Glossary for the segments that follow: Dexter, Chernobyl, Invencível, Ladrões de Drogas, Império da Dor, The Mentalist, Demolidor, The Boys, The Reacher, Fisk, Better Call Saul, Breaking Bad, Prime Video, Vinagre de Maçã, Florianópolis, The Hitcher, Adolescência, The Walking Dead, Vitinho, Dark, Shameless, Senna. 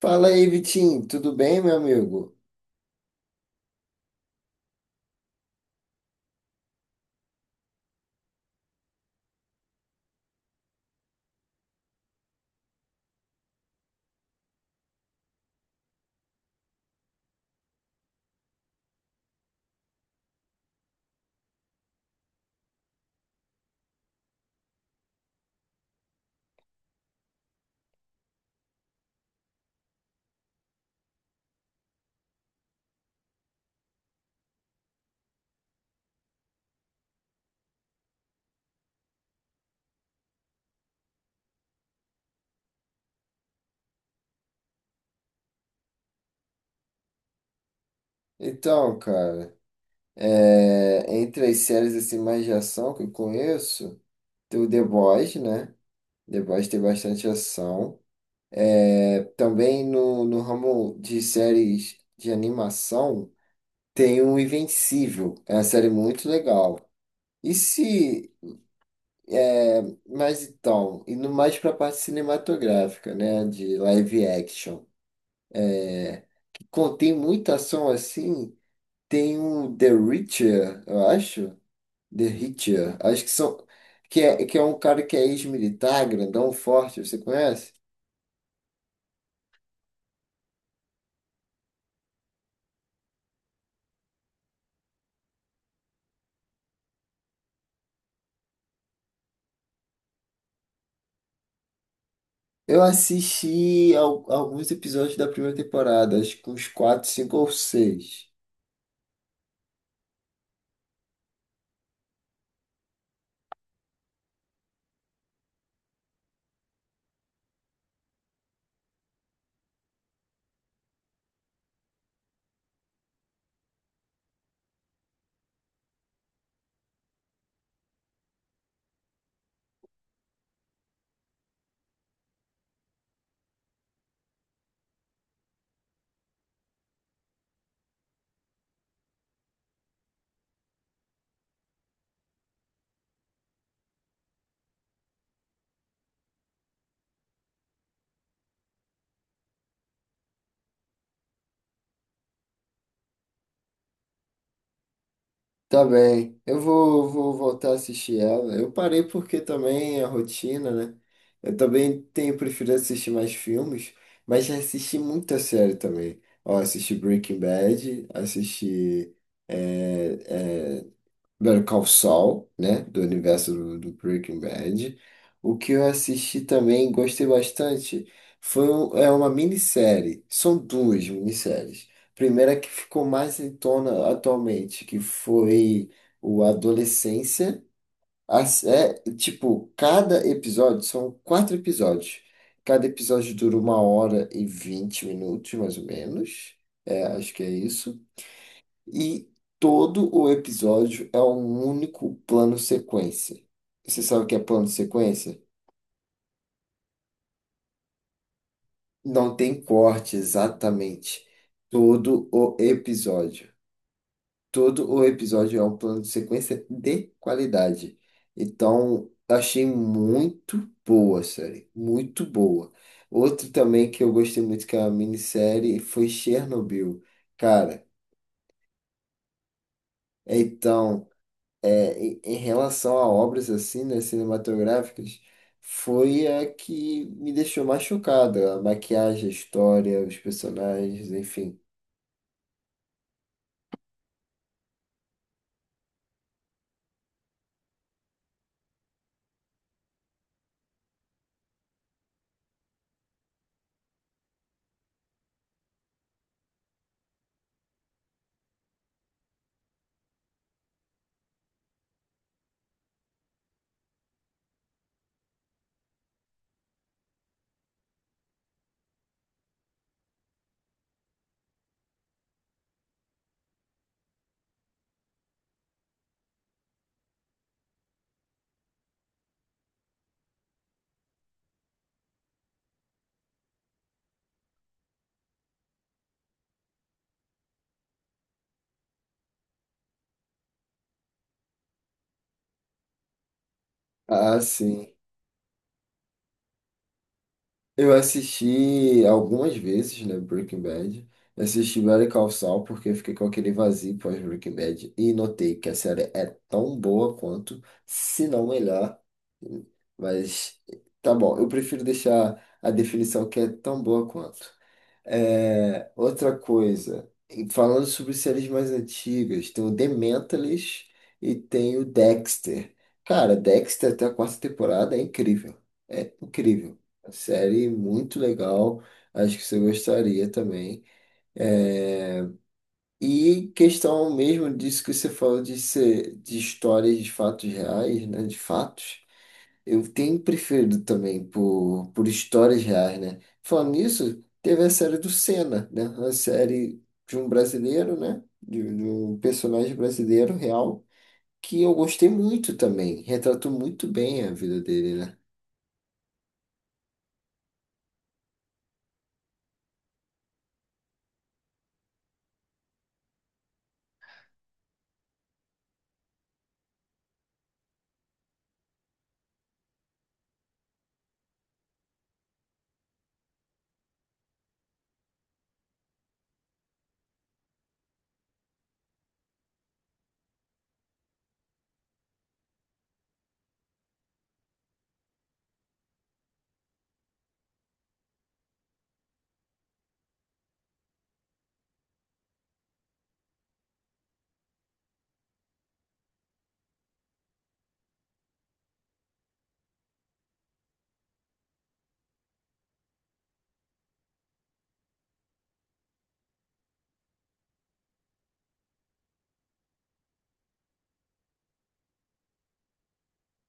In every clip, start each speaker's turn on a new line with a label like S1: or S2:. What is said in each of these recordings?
S1: Fala aí, Vitinho, tudo bem, meu amigo? Então, cara, entre as séries assim, mais de ação que eu conheço, tem o The Boys, né? The Boys tem bastante ação. É, também no ramo de séries de animação, tem o Invencível, é uma série muito legal. E se, é, mas então, indo mais para a parte cinematográfica, né? De live action, que contém muita ação assim, tem o The Reacher, eu acho. The Hitcher. Acho que são. Que é um cara que é ex-militar, grandão, forte, você conhece? Eu assisti alguns episódios da primeira temporada, acho que uns quatro, cinco ou seis. Tá bem, eu vou voltar a assistir ela. Eu parei porque também a rotina, né? Eu também tenho preferido assistir mais filmes, mas já assisti muita série também. Ó, assisti Breaking Bad, assisti eh, eh, Better Call Saul, né? Do universo do Breaking Bad. O que eu assisti também, gostei bastante, é uma minissérie. São duas minisséries. Primeira que ficou mais em tona atualmente, que foi o Adolescência. Tipo, cada episódio, são quatro episódios. Cada episódio dura uma hora e 20 minutos, mais ou menos. É, acho que é isso. E todo o episódio é um único plano sequência. Você sabe o que é plano sequência? Não tem corte exatamente. Todo o episódio. Todo o episódio é um plano de sequência de qualidade. Então, achei muito boa a série. Muito boa. Outro também que eu gostei muito, que é uma minissérie, foi Chernobyl. Cara, então, em relação a obras assim, né, cinematográficas, foi a que me deixou mais chocada. A maquiagem, a história, os personagens, enfim. Ah, sim. Eu assisti algumas vezes, né, Breaking Bad. Eu assisti Better Call Saul porque eu fiquei com aquele vazio pós Breaking Bad e notei que a série é tão boa quanto, se não melhor. Mas tá bom, eu prefiro deixar a definição que é tão boa quanto. Outra coisa, e falando sobre séries mais antigas, tem o The Mentalist e tem o Dexter. Cara, Dexter até a quarta temporada é incrível. É incrível. A série muito legal. Acho que você gostaria também. É, questão mesmo disso que você falou de ser de histórias de fatos reais, né? De fatos. Eu tenho preferido também por histórias reais, né? Falando nisso, teve a série do Senna, né? A série de um brasileiro, né? De um personagem brasileiro real, que eu gostei muito também. Retratou muito bem a vida dele, né?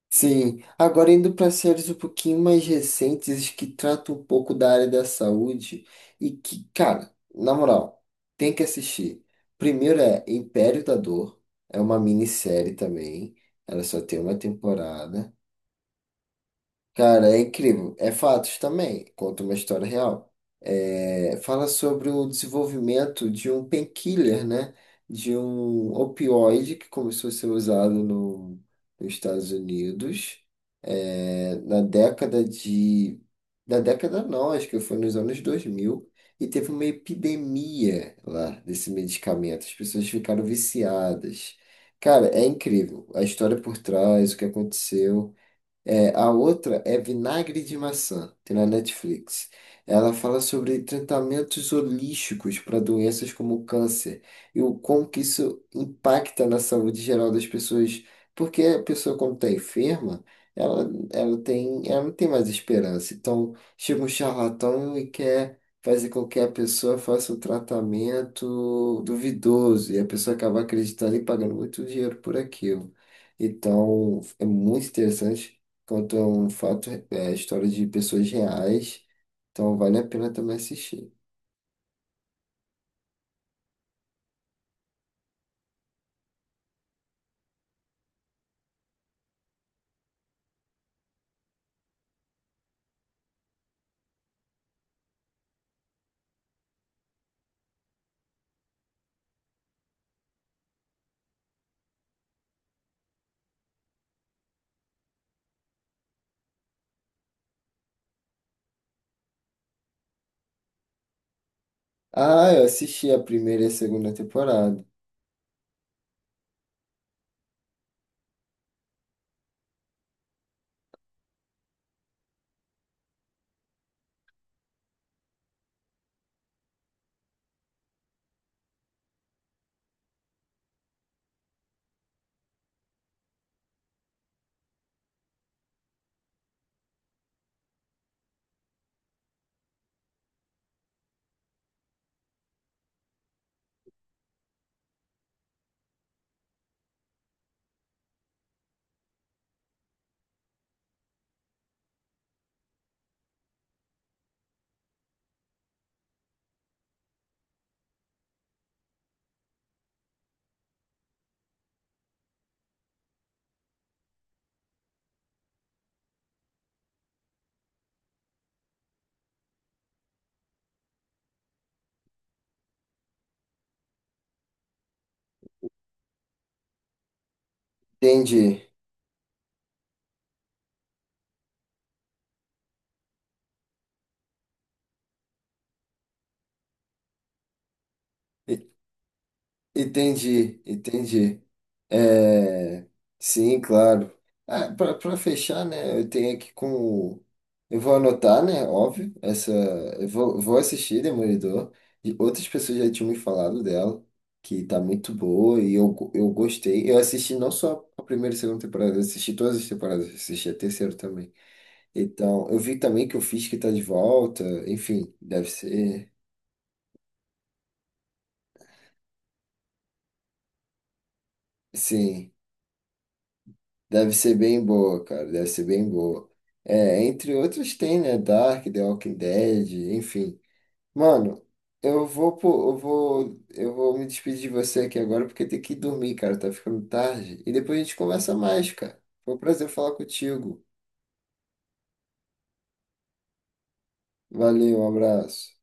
S1: Sim, agora indo para séries um pouquinho mais recentes que tratam um pouco da área da saúde e que, cara, na moral, tem que assistir. Primeiro é Império da Dor, é uma minissérie também, ela só tem uma temporada. Cara, é incrível. É fatos também. Conta uma história real. Fala sobre o desenvolvimento de um painkiller, né? De um opioide que começou a ser usado no, nos Estados Unidos, na década de... Na década não, acho que foi nos anos 2000. E teve uma epidemia lá desse medicamento. As pessoas ficaram viciadas. Cara, é incrível. A história por trás, o que aconteceu. A outra é Vinagre de Maçã, tem na Netflix. Ela fala sobre tratamentos holísticos para doenças como câncer e o como que isso impacta na saúde geral das pessoas. Porque a pessoa, quando está enferma, ela tem, ela não tem mais esperança. Então, chega um charlatão e quer fazer com que a pessoa faça um tratamento duvidoso e a pessoa acaba acreditando e pagando muito dinheiro por aquilo. Então, é muito interessante, contam fato, história de pessoas reais, então vale a pena também assistir. Ah, eu assisti a primeira e a segunda temporada. Entendi. Entendi, entendi. É, sim, claro. Ah, para fechar, né, eu tenho aqui com. Eu vou anotar, né, óbvio, essa. Vou assistir Demolidor. E outras pessoas já tinham me falado dela, que tá muito boa, e eu gostei. Eu assisti não só a primeira e segunda temporada, eu assisti todas as temporadas, eu assisti a terceira também. Então, eu vi também que o Fisk tá de volta, enfim, deve ser. Sim. Deve ser bem boa, cara. Deve ser bem boa. É, entre outros tem, né? Dark, The Walking Dead, enfim. Mano, pô, eu vou me despedir de você aqui agora porque tem que dormir, cara. Tá ficando tarde. E depois a gente conversa mais, cara. Foi um prazer falar contigo. Valeu, um abraço.